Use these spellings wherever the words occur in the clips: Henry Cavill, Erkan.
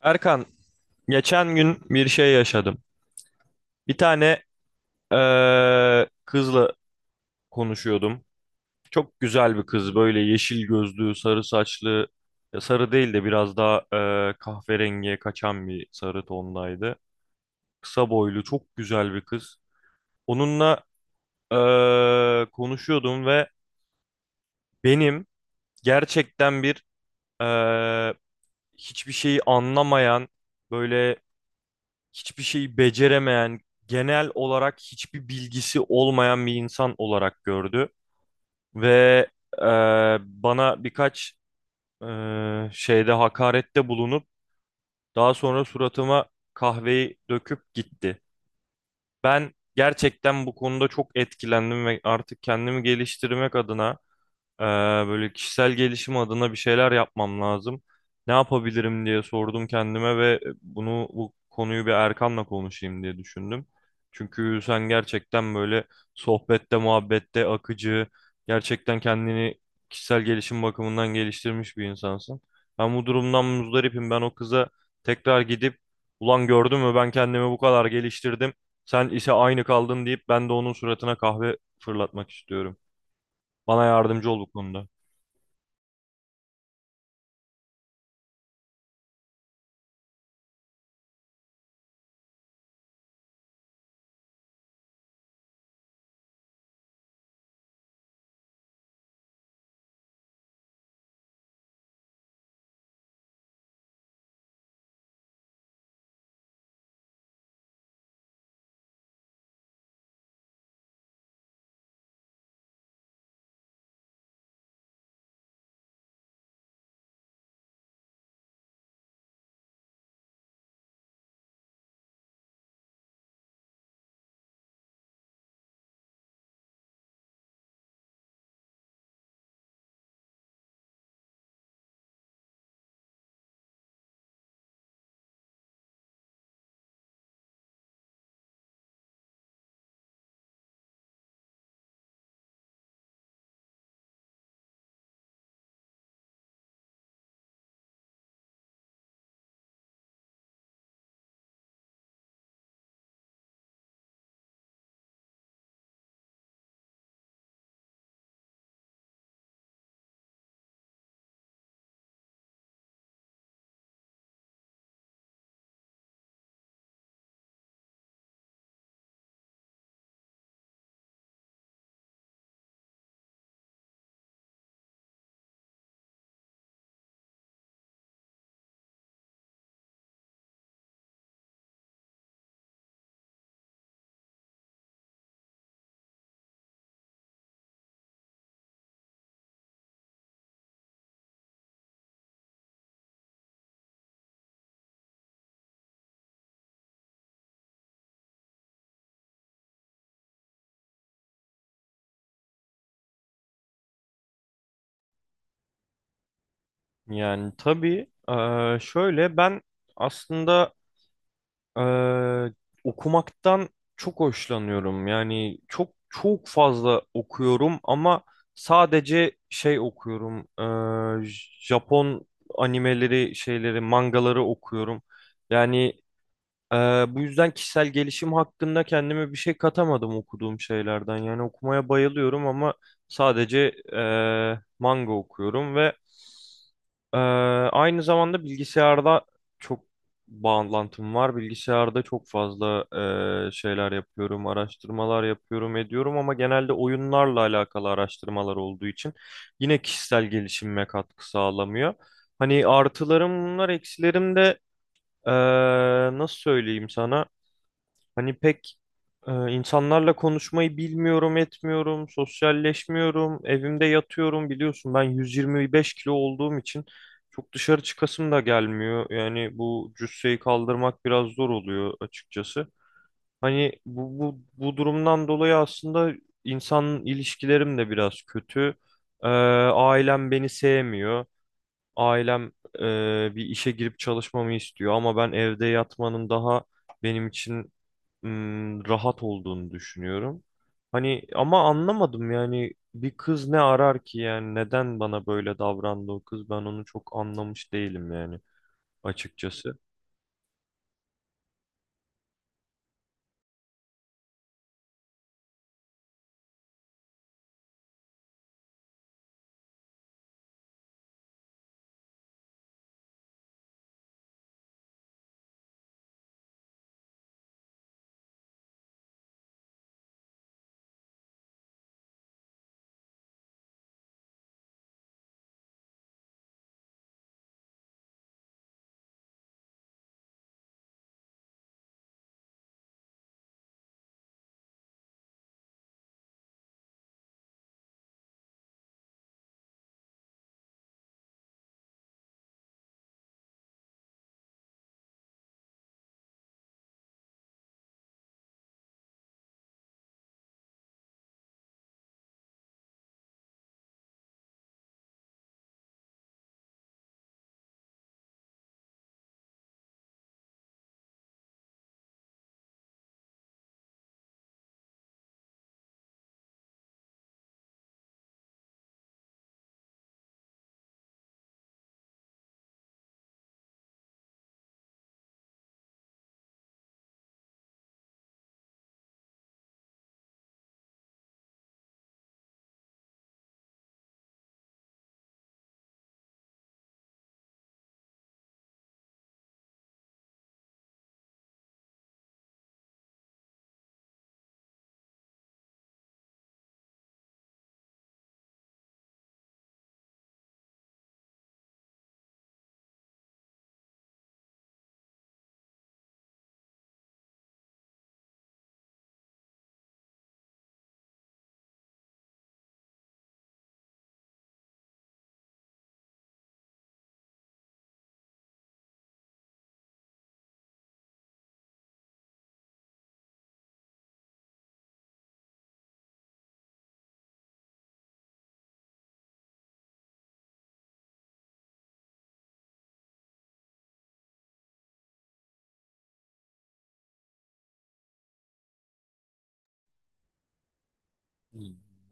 Erkan, geçen gün bir şey yaşadım. Bir tane kızla konuşuyordum. Çok güzel bir kız, böyle yeşil gözlü, sarı saçlı, ya sarı değil de biraz daha kahverengiye kaçan bir sarı tondaydı. Kısa boylu, çok güzel bir kız. Onunla konuşuyordum ve benim gerçekten bir eee, hiçbir şeyi anlamayan, böyle hiçbir şeyi beceremeyen, genel olarak hiçbir bilgisi olmayan bir insan olarak gördü. Ve e, bana birkaç e, şeyde hakarette bulunup daha sonra suratıma kahveyi döküp gitti. Ben gerçekten bu konuda çok etkilendim ve artık kendimi geliştirmek adına ee, böyle kişisel gelişim adına bir şeyler yapmam lazım. Ne yapabilirim diye sordum kendime ve bu konuyu bir Erkan'la konuşayım diye düşündüm. Çünkü sen gerçekten böyle sohbette, muhabbette akıcı, gerçekten kendini kişisel gelişim bakımından geliştirmiş bir insansın. Ben bu durumdan muzdaripim. Ben o kıza tekrar gidip ulan gördün mü ben kendimi bu kadar geliştirdim. Sen ise aynı kaldın deyip ben de onun suratına kahve fırlatmak istiyorum. Bana yardımcı ol bu konuda. Yani tabii, şöyle ben aslında eee, okumaktan çok hoşlanıyorum. Yani çok fazla okuyorum ama sadece şey okuyorum. eee, Japon animeleri, şeyleri, mangaları okuyorum. Yani bu yüzden kişisel gelişim hakkında kendime bir şey katamadım okuduğum şeylerden. Yani okumaya bayılıyorum ama sadece manga okuyorum ve ee, aynı zamanda bilgisayarda çok bağlantım var. Bilgisayarda çok fazla şeyler yapıyorum, araştırmalar yapıyorum, ediyorum ama genelde oyunlarla alakalı araştırmalar olduğu için yine kişisel gelişimime katkı sağlamıyor. Hani artılarım bunlar, eksilerim de e, nasıl söyleyeyim sana? Hani pek insanlarla konuşmayı bilmiyorum, etmiyorum, sosyalleşmiyorum, evimde yatıyorum, biliyorsun ben 125 kilo olduğum için çok dışarı çıkasım da gelmiyor. Yani bu cüsseyi kaldırmak biraz zor oluyor açıkçası. Hani bu durumdan dolayı aslında insan ilişkilerim de biraz kötü. E, Ailem beni sevmiyor. Ailem e, bir işe girip çalışmamı istiyor ama ben evde yatmanın daha benim için rahat olduğunu düşünüyorum. Hani ama anlamadım yani bir kız ne arar ki, yani neden bana böyle davrandı o kız, ben onu çok anlamış değilim yani açıkçası.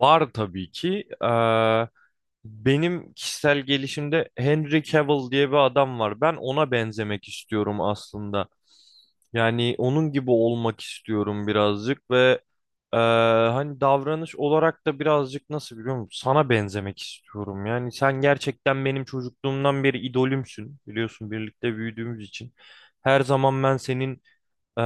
Var tabii ki. Benim kişisel gelişimde Henry Cavill diye bir adam var. Ben ona benzemek istiyorum aslında. Yani onun gibi olmak istiyorum birazcık ve eee, hani davranış olarak da birazcık nasıl, biliyor musun? Sana benzemek istiyorum. Yani sen gerçekten benim çocukluğumdan beri idolümsün. Biliyorsun birlikte büyüdüğümüz için. Her zaman ben senin e,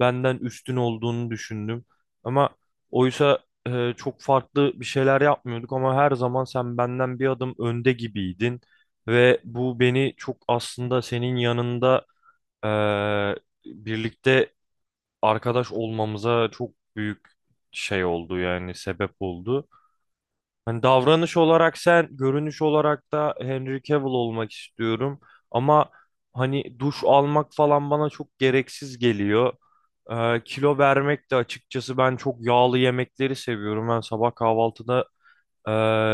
benden üstün olduğunu düşündüm. Ama oysa çok farklı bir şeyler yapmıyorduk ama her zaman sen benden bir adım önde gibiydin ve bu beni çok, aslında senin yanında e, birlikte arkadaş olmamıza çok büyük şey oldu, yani sebep oldu. Hani davranış olarak sen, görünüş olarak da Henry Cavill olmak istiyorum. Ama hani duş almak falan bana çok gereksiz geliyor. Kilo vermek de açıkçası, ben çok yağlı yemekleri seviyorum. Ben sabah kahvaltıda e,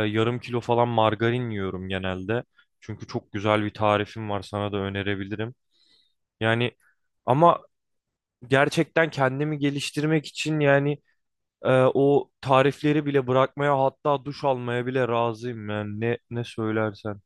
yarım kilo falan margarin yiyorum genelde. Çünkü çok güzel bir tarifim var, sana da önerebilirim. Yani ama gerçekten kendimi geliştirmek için yani ee, o tarifleri bile bırakmaya, hatta duş almaya bile razıyım, yani ne söylersen.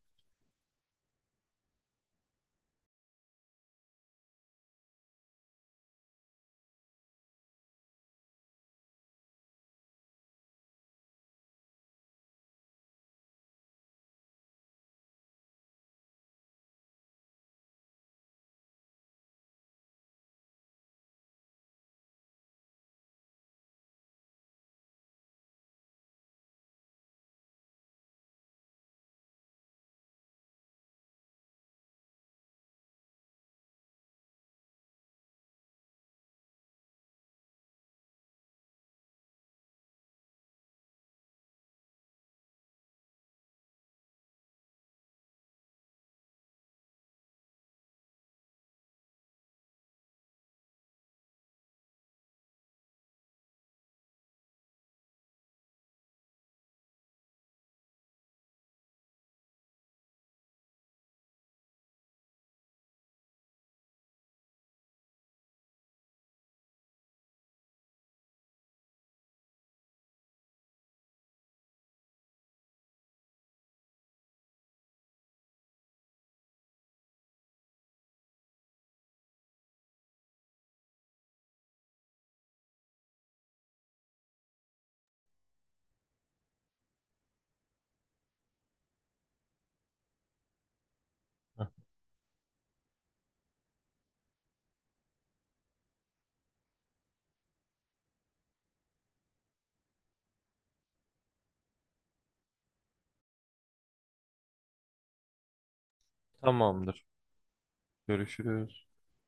Heh, tamamdır. Görüşürüz.